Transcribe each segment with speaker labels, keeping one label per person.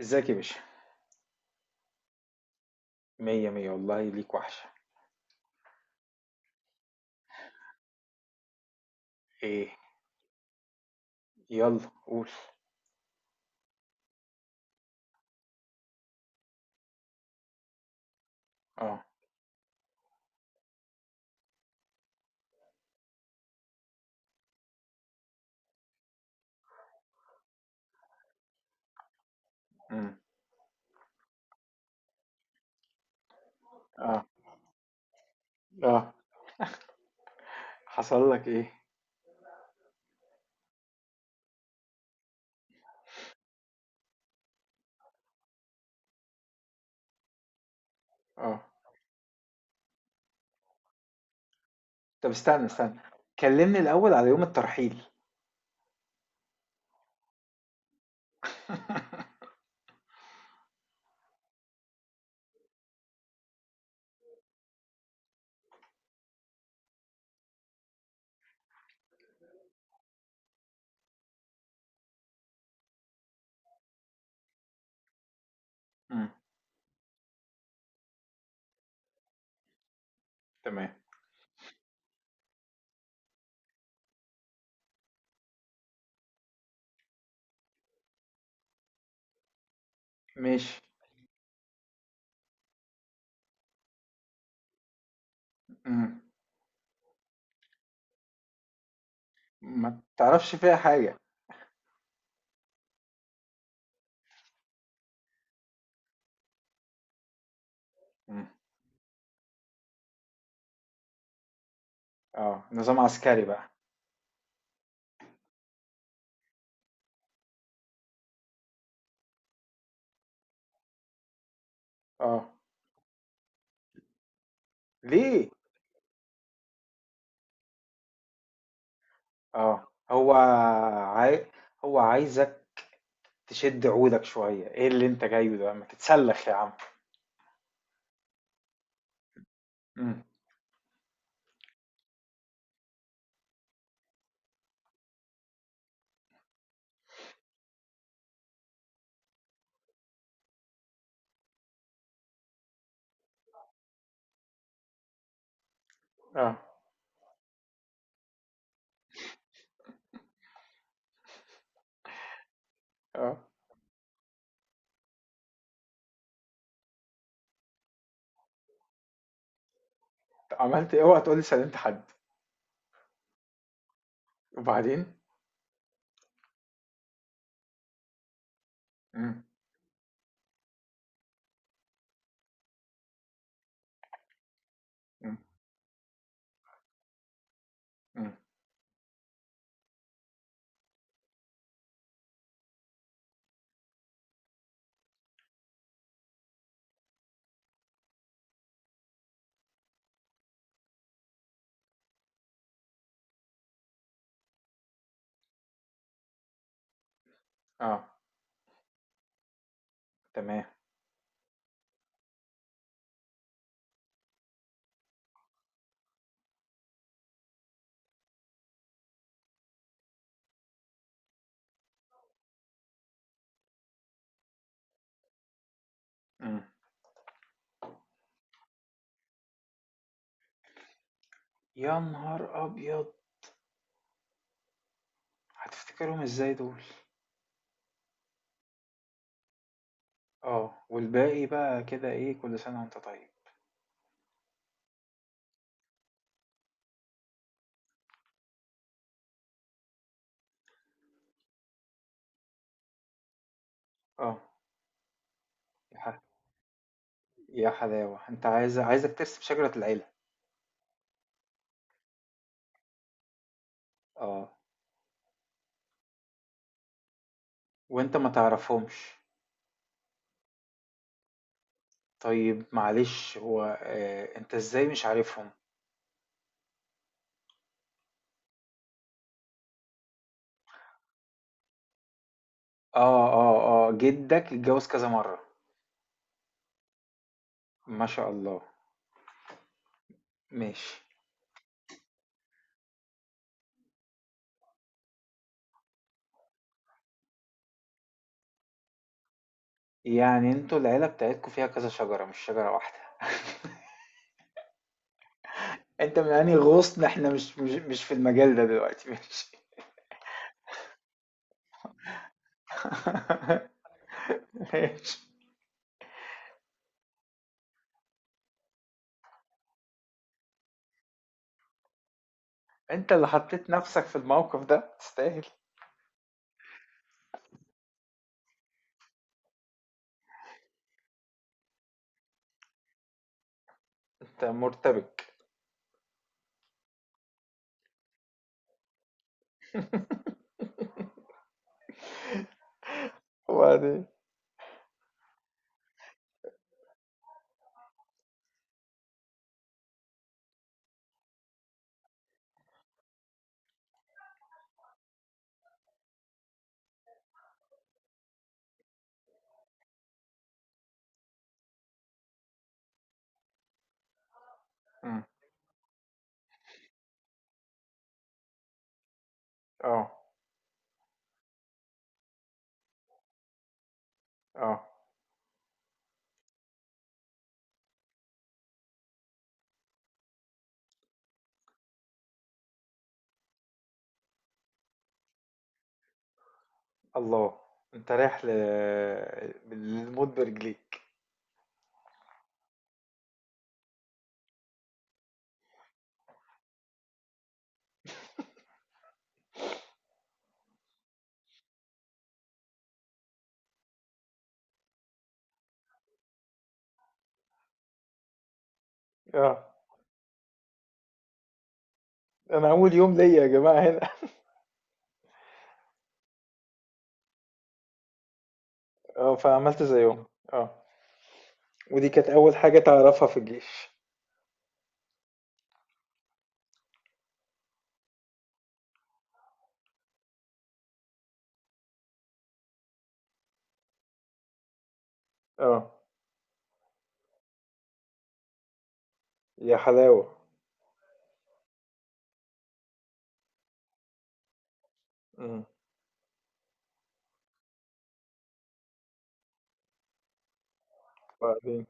Speaker 1: ازيك يا باشا؟ مية مية والله، ليك وحشة. ايه؟ يلا قول. اه. امم. اه، اه. حصل لك ايه؟ اه. طب استنى استنى، كلمني الاول على يوم الترحيل. امم. تمام. ماشي. امم. ما تعرفش فيها حاجة. امم. اه، نظام عسكري بقى. اه. ليه؟ اه، عاي... هو عايزك تشد عودك شوية، ايه اللي انت جايه ده؟ ما تتسلخ يا عم. امم. اه، اه. عملت إيه؟ اوعى تقول لي سلمت حد. وبعدين. امم. امم. امم. اه. تمام. امم. يا نهار ابيض، هتفتكرهم ازاي دول؟ اه، والباقي بقى كده، ايه؟ كل سنه وانت طيب. اه. يا ح... يا حلاوه، انت عايزك ترسم شجره العيله؟ اه، وانت ما تعرفهمش؟ طيب معلش، هو انت ازاي مش عارفهم؟ اه، اه. اه، جدك اتجوز كذا مره؟ ما شاء الله. ماشي. يعني انتوا العيلة بتاعتكوا فيها كذا شجرة، مش شجرة واحدة؟ انت من انهي غصن؟ احنا مش في المجال ده دلوقتي. ماشي. ماشي. انت اللي حطيت نفسك في الموقف ده، تستاهل. انت مرتبك. وبعدين. مم. اه، اه. الله! انت رايح للموت برجليك. اه. انا اول يوم ليا يا جماعة هنا. اه، فعملت زيهم. اه. ودي كانت اول حاجة تعرفها في الجيش. اه. يا حلاوة. مم. وبعدين.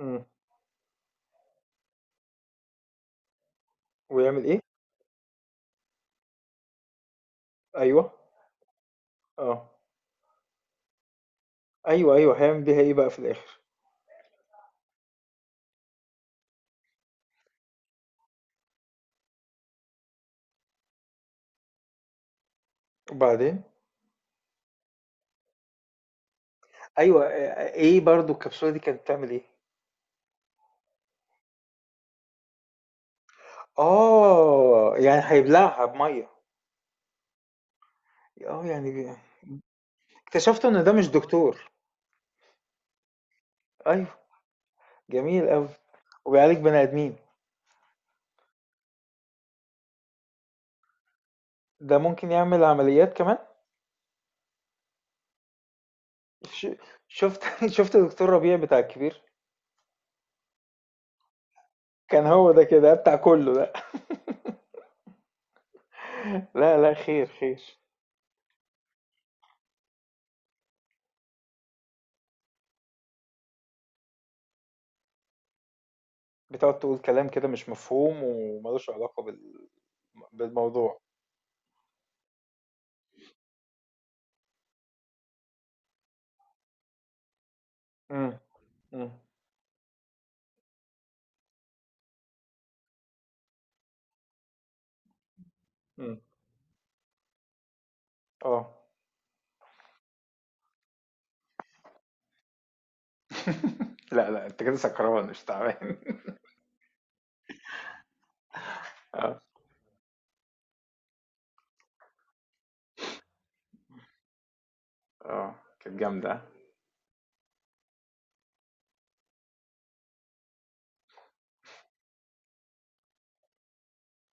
Speaker 1: إمم. ويعمل إيه؟ أيوه. آه. أيوه، أيوه، هيعمل بيها إيه بقى في الآخر؟ وبعدين؟ أيوه، إيه برضه الكبسولة دي كانت بتعمل إيه؟ آه، يعني هيبلعها بمَيّة. آه، يعني اكتشفت إن ده مش دكتور. أيوه، جميل أوي. وبيعالج بني آدمين، ده ممكن يعمل عمليات كمان؟ ش شُفت شُفت دكتور ربيع بتاع الكبير؟ كان هو ده كده، بتاع كُلّه ده. لا، لا، خير، خير. بتقعد تقول كلام كده مش مفهوم وما لوش علاقة بالموضوع. إمم، إمم، إمم. آه. لأ، لأ، أنت كده سكران مش تعبان. آه. آه، كانت جامدة.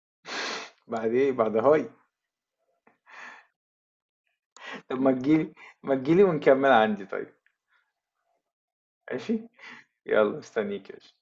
Speaker 1: بعد إيه، بعد هاي. طب ما تيجي لي ونكمّلها عندي طيب. ماشي؟ يالّا مستنيك يا باشا.